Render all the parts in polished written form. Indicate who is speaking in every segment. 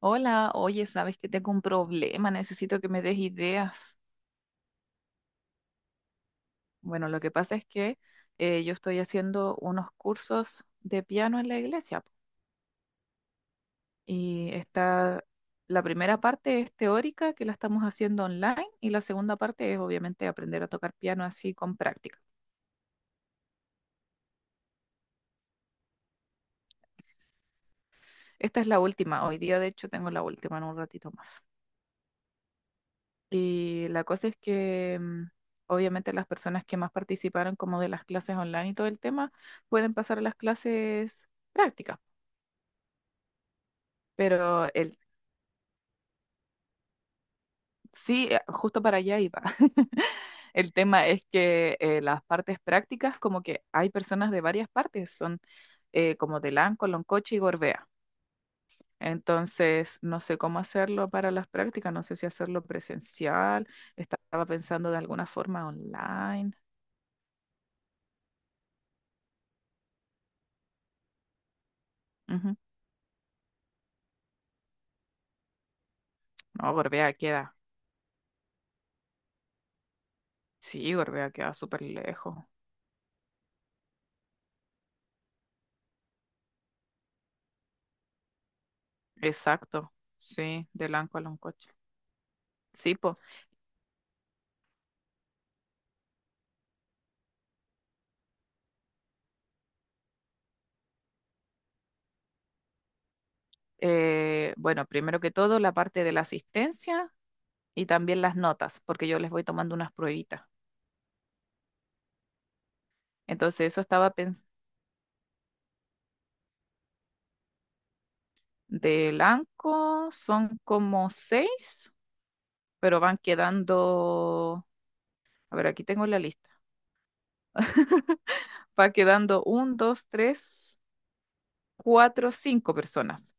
Speaker 1: Hola, oye, sabes que tengo un problema, necesito que me des ideas. Bueno, lo que pasa es que yo estoy haciendo unos cursos de piano en la iglesia po, y está la primera parte es teórica, que la estamos haciendo online, y la segunda parte es obviamente aprender a tocar piano así con práctica. Esta es la última, hoy día de hecho tengo la última en un ratito más. Y la cosa es que obviamente las personas que más participaron como de las clases online y todo el tema pueden pasar a las clases prácticas, pero el, sí, justo para allá iba. El tema es que las partes prácticas como que hay personas de varias partes, son como de Lanco, Loncoche y Gorbea. Entonces, no sé cómo hacerlo para las prácticas, no sé si hacerlo presencial, estaba pensando de alguna forma online. Ujú. No, Gorbea queda. Sí, Gorbea queda súper lejos. Exacto. Sí, de Lanco a Loncocho. Sí, pues. Bueno, primero que todo, la parte de la asistencia y también las notas, porque yo les voy tomando unas pruebitas. Entonces, eso estaba pensando. De Lanco son como 6, pero van quedando. A ver, aquí tengo la lista. Va quedando un, dos, tres, cuatro, 5 personas.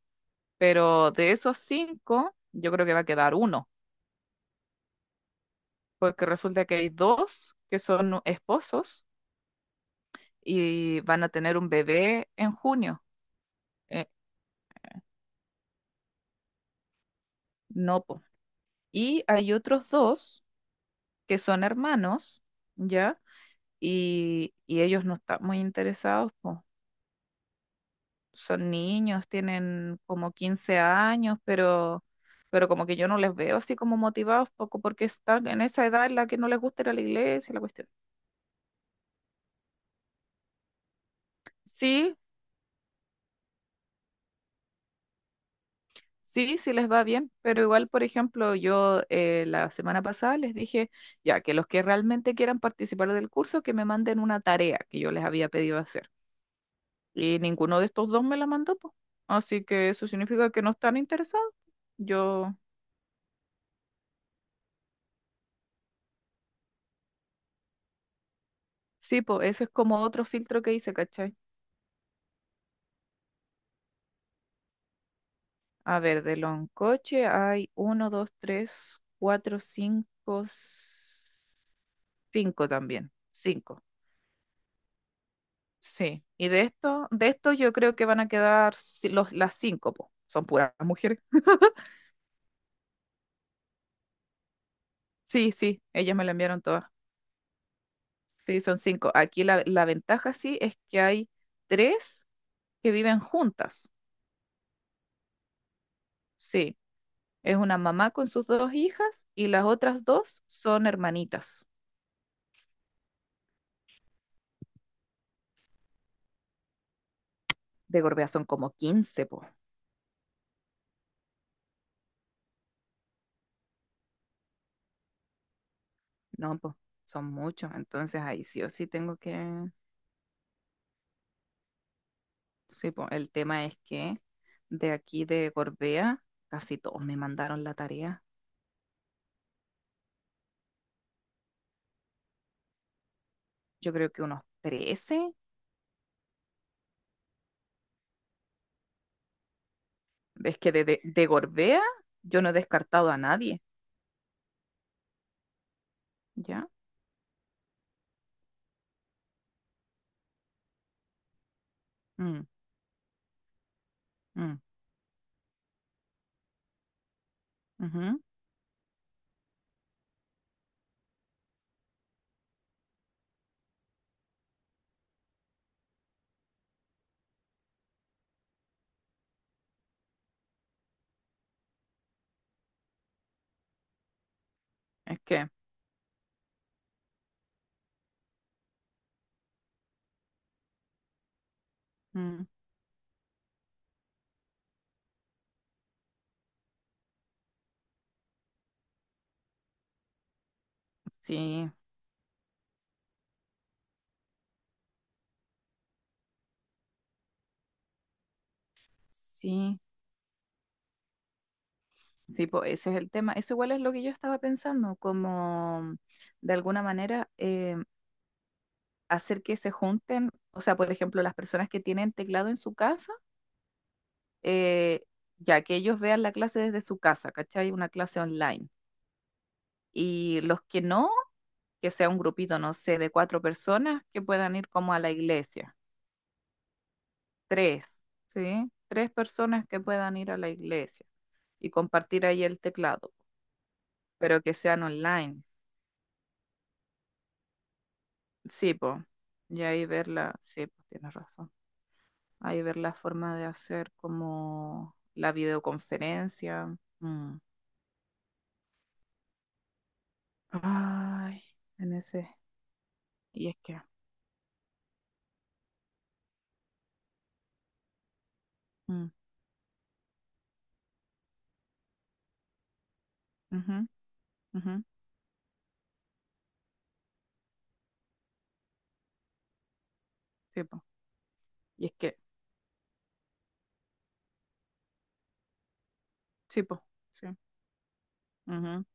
Speaker 1: Pero de esos cinco, yo creo que va a quedar uno porque resulta que hay dos que son esposos y van a tener un bebé en junio. Eh, no, po. Y hay otros dos que son hermanos, ¿ya? Y ellos no están muy interesados, po. Son niños, tienen como 15 años, pero como que yo no les veo así como motivados, poco porque están en esa edad en la que no les gusta ir a la iglesia, la cuestión. Sí, sí, sí les va bien, pero igual, por ejemplo, yo la semana pasada les dije ya que los que realmente quieran participar del curso, que me manden una tarea que yo les había pedido hacer. Y ninguno de estos dos me la mandó, po. Así que eso significa que no están interesados. Yo, sí, pues eso es como otro filtro que hice, ¿cachai? A ver, de Loncoche hay uno, dos, tres, cuatro, cinco, cinco también, cinco. Sí, y de esto yo creo que van a quedar ci- los, las 5, po. Son puras mujeres. Sí, sí, ellas me la enviaron todas. Sí, son 5. Aquí la, la ventaja sí es que hay tres que viven juntas. Sí, es una mamá con sus dos hijas y las otras dos son hermanitas. De Gorbea son como 15 po. No, po, son muchos. Entonces ahí sí o sí tengo que... Sí, po, el tema es que de aquí de Gorbea casi todos me mandaron la tarea. Yo creo que unos 13. Es que de Gorbea yo no he descartado a nadie, ¿ya? Mm, mm, ujú. Es que, mm, sí, sí, sí, po, ese es el tema. Eso igual es lo que yo estaba pensando, como de alguna manera hacer que se junten, o sea, por ejemplo, las personas que tienen teclado en su casa, eh, ya que ellos vean la clase desde su casa, ¿cachai? Una clase online. Y los que no, que sea un grupito, no sé, de 4 personas que puedan ir como a la iglesia. Tres, ¿sí? Tres personas que puedan ir a la iglesia y compartir ahí el teclado, pero que sean online. Sí, po. Y ahí ver la, sí, pues tienes razón. Ahí ver la forma de hacer como la videoconferencia. Mm. Ay, en ese. Y es que. Mm, ujú, ujú, sí, po. Y es que. Sí, po. Sí. Ujú.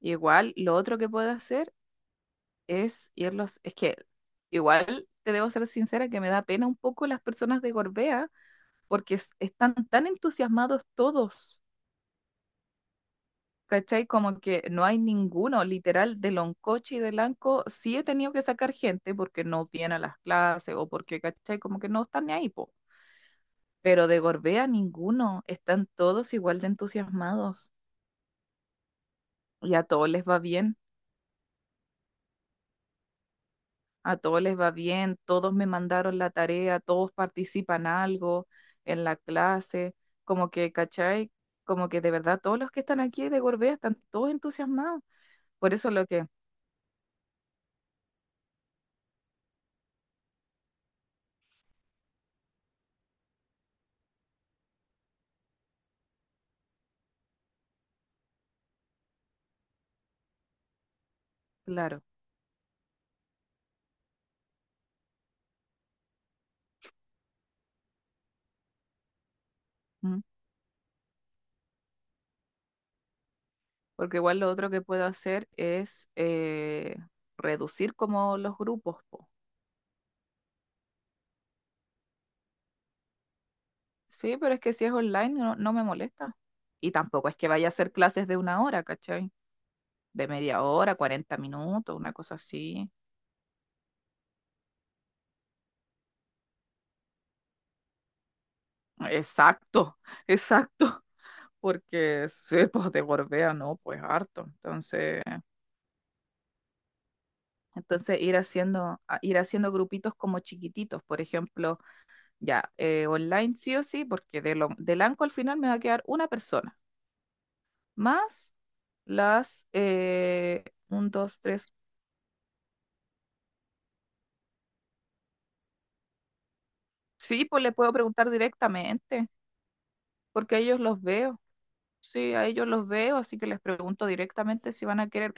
Speaker 1: Igual, lo otro que puedo hacer es irlos, es que igual te debo ser sincera que me da pena un poco las personas de Gorbea porque es- están tan entusiasmados todos, ¿cachai? Como que no hay ninguno, literal, de Loncoche y de Lanco, sí he tenido que sacar gente porque no viene a las clases o porque, ¿cachai? Como que no están ni ahí, po. Pero de Gorbea ninguno, están todos igual de entusiasmados y a todos les va bien. A todos les va bien, todos me mandaron la tarea, todos participan algo en la clase, como que, ¿cachai? Como que de verdad todos los que están aquí de Gorbea están todos entusiasmados. Por eso lo que, claro, ¿m? Porque igual lo otro que puedo hacer es reducir como los grupos, po. Sí, pero es que si es online no, no me molesta. Y tampoco es que vaya a hacer clases de una hora, ¿cachai? De media hora, 40 minutos, una cosa así. Exacto, exacto. Porque sí, pues de Gorbea no, pues harto. Entonces, entonces ir haciendo, a- ir haciendo grupitos como chiquititos, por ejemplo, ya, online sí o sí, porque de lo, del ANCO al final me va a quedar una persona, más las, un, dos, tres, sí, pues le puedo preguntar directamente, porque a ellos los veo, sí, a ellos los veo, así que les pregunto directamente si van a querer.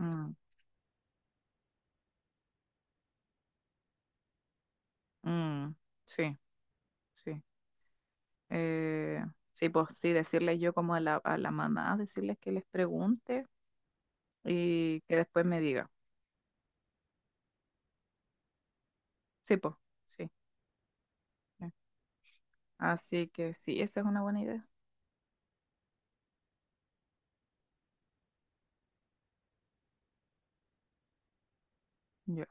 Speaker 1: Mm, mm, sí, sí. Eh, sí, pues sí, decirles yo como a la mamá, decirles que les pregunte y que después me diga. Sí, pues, sí. Eh. Así que sí, esa es una buena idea. Ya.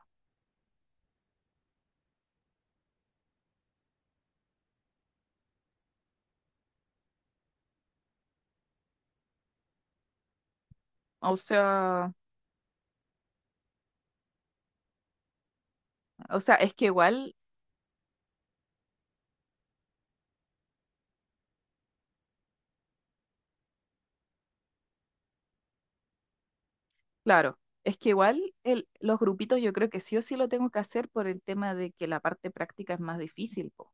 Speaker 1: O sea, o sea, es que igual, claro, es que igual el, los grupitos yo creo que sí o sí lo tengo que hacer por el tema de que la parte práctica es más difícil, po.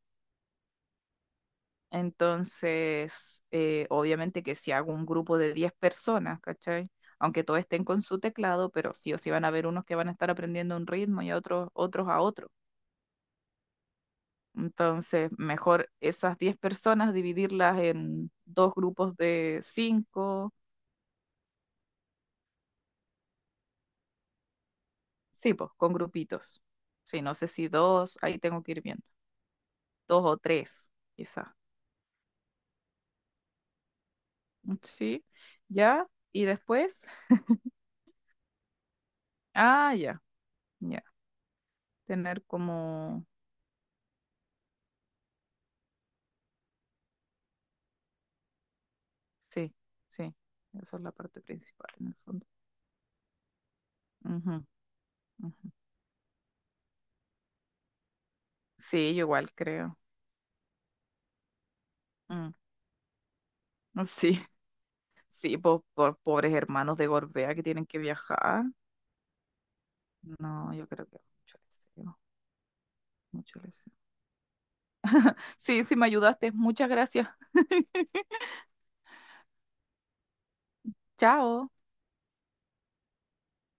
Speaker 1: Entonces, obviamente que si hago un grupo de 10 personas, ¿cachai? Aunque todos estén con su teclado, pero sí o sí van a haber unos que van a estar aprendiendo un ritmo y a otros, otros a otro. Entonces, mejor esas 10 personas dividirlas en dos grupos de cinco, sí, pues, con grupitos. Sí, no sé si dos, ahí tengo que ir viendo. Dos o tres, quizá. Sí, ya. Y después, ah, ya, ya. Tener como sí, sí, esa es la parte principal en el fondo. Ujú, ujú. Sí, yo igual creo. Mm, sí, sí, po- por, pobres hermanos de Gorbea que tienen que viajar. No, yo creo que mucho deseo, mucho deseo. Sí, sí, me ayudaste. Muchas gracias. Chao.